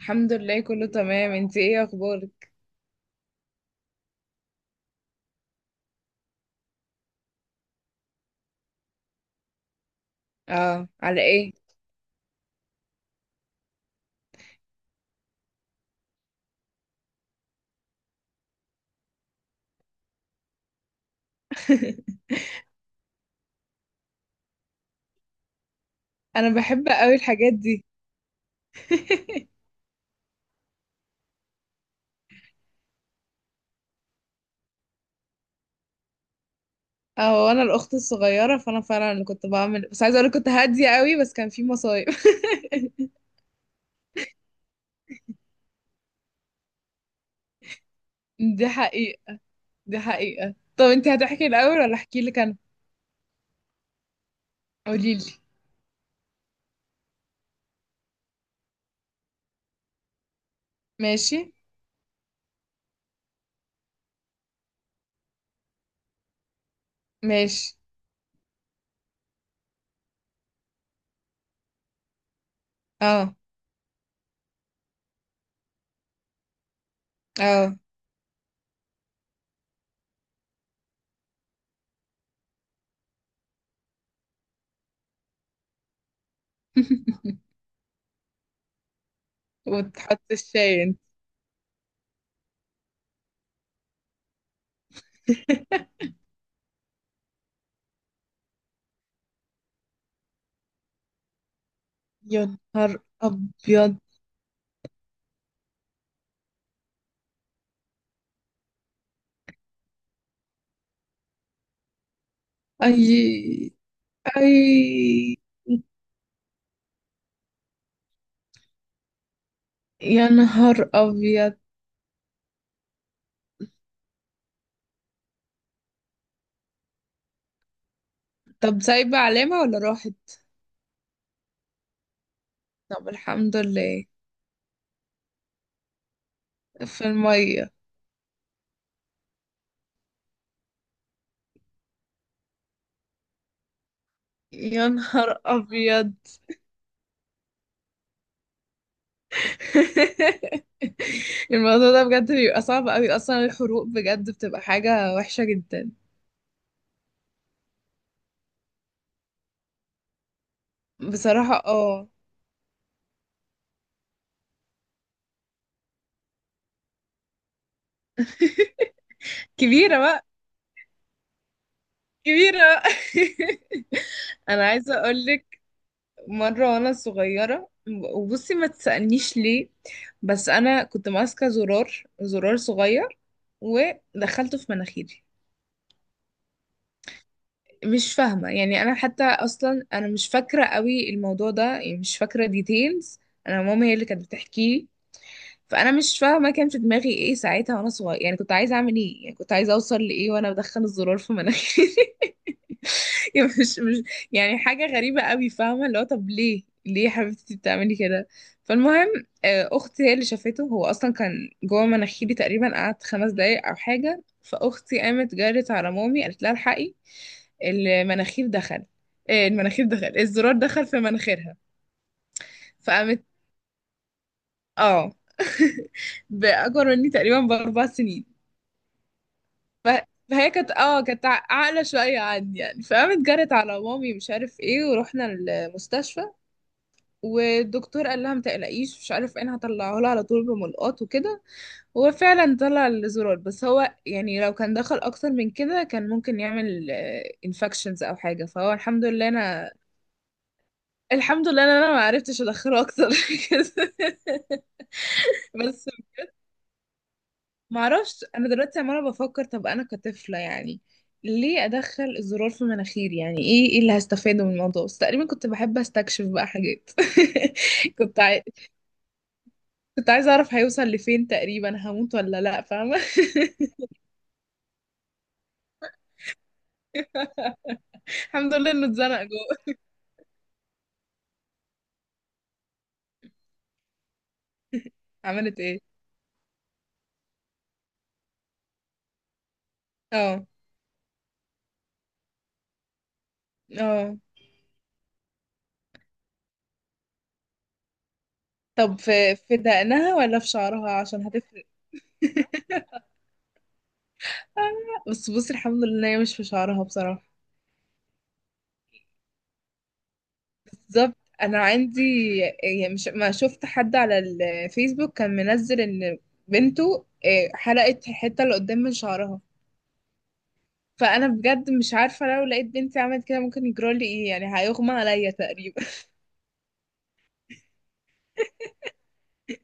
الحمد لله، كله تمام. انتي ايه اخبارك؟ اه، على ايه؟ انا بحب قوي الحاجات دي. اه، وانا الاخت الصغيره فانا فعلا اللي كنت بعمل، بس عايزه اقول كنت هاديه قوي بس كان في مصايب. دي حقيقه. دي حقيقه. طب انتي هتحكي الاول ولا احكي لك انا؟ قولي لي. ماشي. ماشي. اه. اه. وتحط الشاي انت؟ يا نهار ابيض. اي. اي. يا نهار ابيض. طب سايبة علامة ولا راحت؟ طب الحمد لله. في المية. يا نهار أبيض. الموضوع ده بجد بيبقى صعب أوي. أصلا الحروق بجد بتبقى حاجة وحشة جدا. بصراحة اه. كبيرة بقى، كبيرة بقى. أنا عايزة أقولك، مرة وأنا صغيرة، وبصي ما تسألنيش ليه، بس أنا كنت ماسكة زرار، زرار صغير، ودخلته في مناخيري. مش فاهمة يعني. أنا حتى أصلا أنا مش فاكرة قوي الموضوع ده، يعني مش فاكرة ديتيلز. أنا ماما هي اللي كانت بتحكيه. فأنا مش فاهمة كان في دماغي إيه ساعتها وأنا صغيرة، يعني كنت عايزة أعمل إيه، يعني كنت عايزة أوصل لإيه وأنا بدخل الزرار في مناخيري. يعني مش يعني حاجة غريبة قوي، فاهمة اللي هو طب ليه، ليه يا حبيبتي بتعملي كده. فالمهم، أختي هي اللي شافته. هو أصلا كان جوه مناخيري، تقريبا قعد 5 دقايق أو حاجة. فأختي قامت جرت على مامي قالت لها الحقي، المناخير دخل، إيه المناخير دخل، الزرار دخل في مناخيرها. فقامت، اه، بأكبر مني تقريبا ب4 سنين. ف... فهي كانت كانت عاقلة شوية عني يعني. فقامت جرت على مامي مش عارف ايه ورحنا المستشفى. والدكتور قال لها ما تقلقيش مش عارف ايه، انا هطلعه لها على طول بملقاط وكده. هو فعلا طلع الزرار، بس هو يعني لو كان دخل اكتر من كده كان ممكن يعمل انفكشنز او حاجة. فهو الحمد لله انا الحمد لله ان انا ما عرفتش ادخله اكتر من كده. بس ما اعرفش، انا دلوقتي عماله بفكر طب انا كطفله يعني ليه ادخل الزرار في مناخيري، يعني ايه اللي هستفاده من الموضوع، بس تقريبا كنت بحب استكشف بقى حاجات. كنت عاي... كنت عايزه اعرف هيوصل لفين، تقريبا هموت ولا لا فاهمه. الحمد لله انه اتزنق جوه. عملت ايه؟ اه. اه. طب في دقنها ولا في شعرها، عشان هتفرق. آه. بس بصي الحمد لله إن هي مش في شعرها بصراحه. بالظبط. انا عندي، يعني مش ما شفت حد على الفيسبوك كان منزل ان بنته حلقت الحته اللي قدام من شعرها. فانا بجد مش عارفه لو لقيت بنتي عملت كده ممكن يجرالي ايه، يعني هيغمى عليا تقريبا.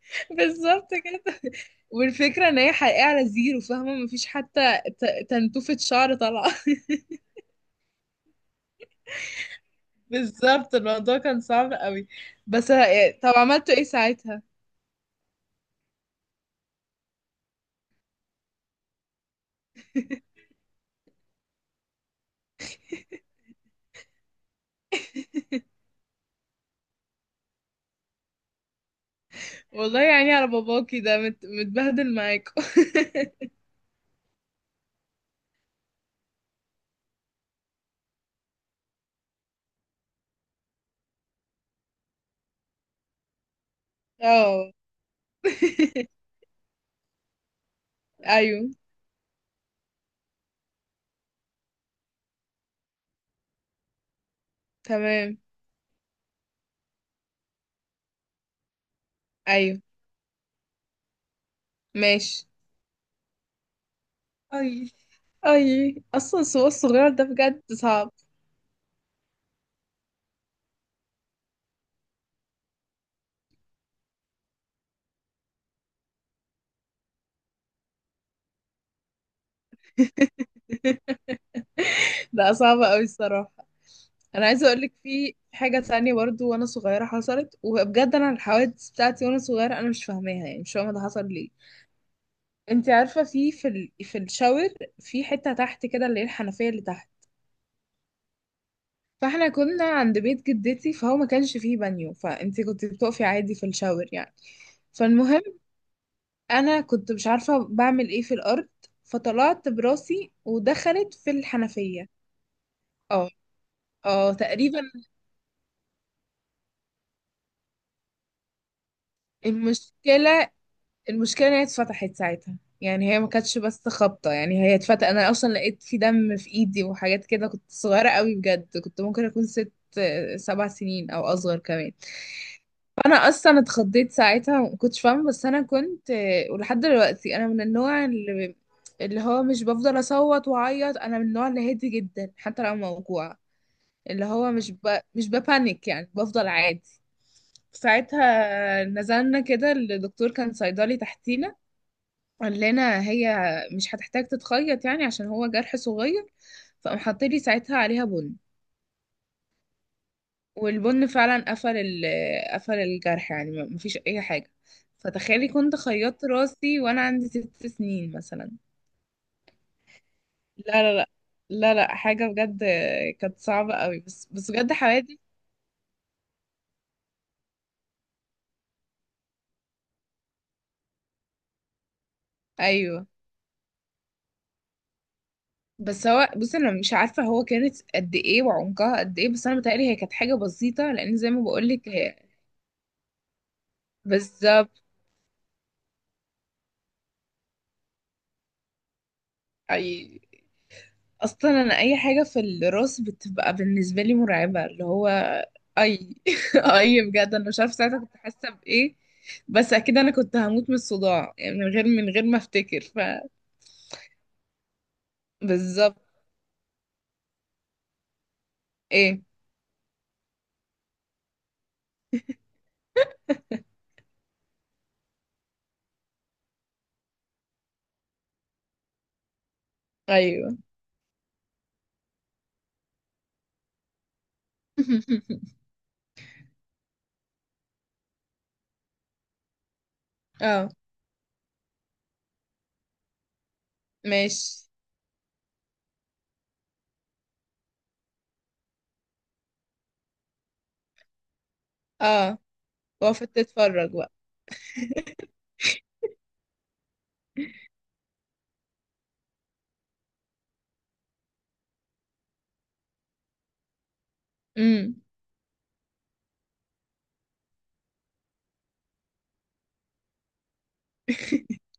بالظبط كده. والفكره ان هي حقيقه على زيرو، فاهمه، مفيش حتى تنتوفه شعر طالعه. بالظبط، الموضوع كان صعب قوي. بس طب عملتوا ايه ساعتها؟ والله يعني على باباكي ده متبهدل معاكوا. اه. ايوه. تمام. ايوه. ماشي. اي. اي. اصلا السوق الصغير ده بجد صعب. بقى صعب قوي الصراحه. انا عايزه اقول لك في حاجه تانية برضو وانا صغيره حصلت، وبجد انا الحوادث بتاعتي وانا صغيره انا مش فاهماها، يعني مش فاهمه ده حصل ليه. انت عارفه في الشاور، في حته تحت كده اللي هي الحنفيه اللي تحت. فاحنا كنا عند بيت جدتي فهو ما كانش فيه بانيو، فانت كنت بتقفي عادي في الشاور يعني. فالمهم، انا كنت مش عارفه بعمل ايه في الارض، فطلعت براسي ودخلت في الحنفيه. اه. اه. تقريبا. المشكله، المشكله إن هي اتفتحت ساعتها، يعني هي ما كانتش بس خبطه، يعني هي اتفتحت، انا اصلا لقيت في دم في ايدي وحاجات كده. كنت صغيره قوي بجد، كنت ممكن اكون ست سبع سنين او اصغر كمان. فانا اصلا اتخضيت ساعتها ما كنتش فاهمه، بس انا كنت ولحد دلوقتي انا من النوع اللي هو مش بفضل اصوت واعيط، انا من النوع اللي هادي جدا حتى لو موجوعه، اللي هو مش ببانيك يعني، بفضل عادي. ساعتها نزلنا كده، الدكتور كان صيدلي تحتينا، قال لنا هي مش هتحتاج تتخيط يعني، عشان هو جرح صغير. فقام حاطلي ساعتها عليها بن، والبن فعلا قفل الجرح، يعني مفيش اي حاجه. فتخيلي كنت خيطت راسي وانا عندي 6 سنين مثلا. لا، لا، لا. لا، لا، حاجه بجد كانت صعبه قوي، بس بجد حوادث. ايوه. بس هو بصي انا مش عارفه هو كانت قد ايه وعمقها قد ايه، بس انا متهيألي هي كانت حاجه بسيطه، لان زي ما بقولك هي. بالظبط. اي. اصلا انا اي حاجه في الراس بتبقى بالنسبه لي مرعبه، اللي هو اي. اي، بجد انا مش عارفه ساعتها كنت حاسه بايه. بس اكيد انا كنت هموت من الصداع، يعني من غير ما افتكر. بالظبط. ايه؟ ايوه. اه. ماشي. اه. وقفت تتفرج بقى. امم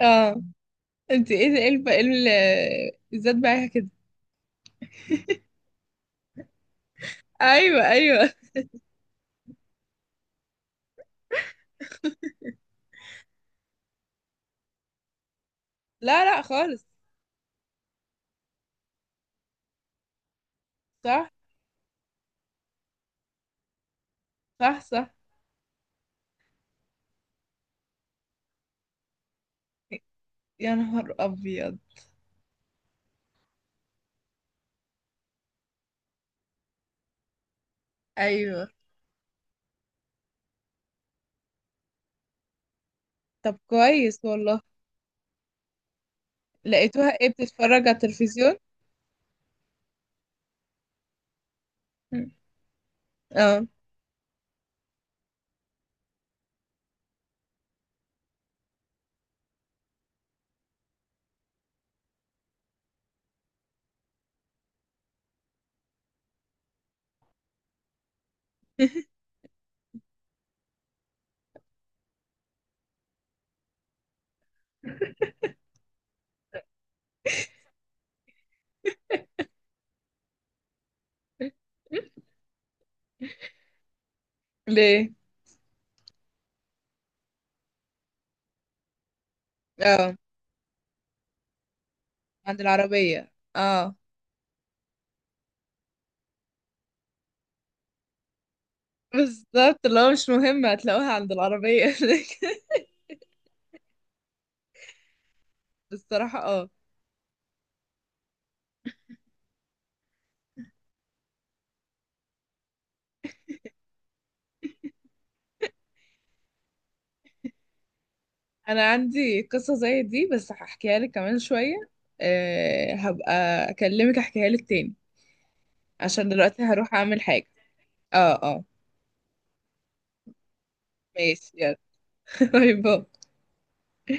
اه، انت ايه ده، ايه الذات بقى كده؟ ايوه، ايوه. لا، لا، خالص. صح، صح، صح. يا نهار ابيض. ايوه. طب كويس والله. لقيتوها ايه، بتتفرج على التلفزيون؟ اه. ليه؟ اه. عند العربية، اه. بالظبط، اللي هو مش مهم، هتلاقوها عند العربية. بصراحة اه. انا عندي قصة زي دي، بس هحكيها لك كمان شوية. أه، هبقى اكلمك احكيها لك تاني، عشان دلوقتي هروح اعمل حاجة. اه. اه. ماشي، يلا. باي باي.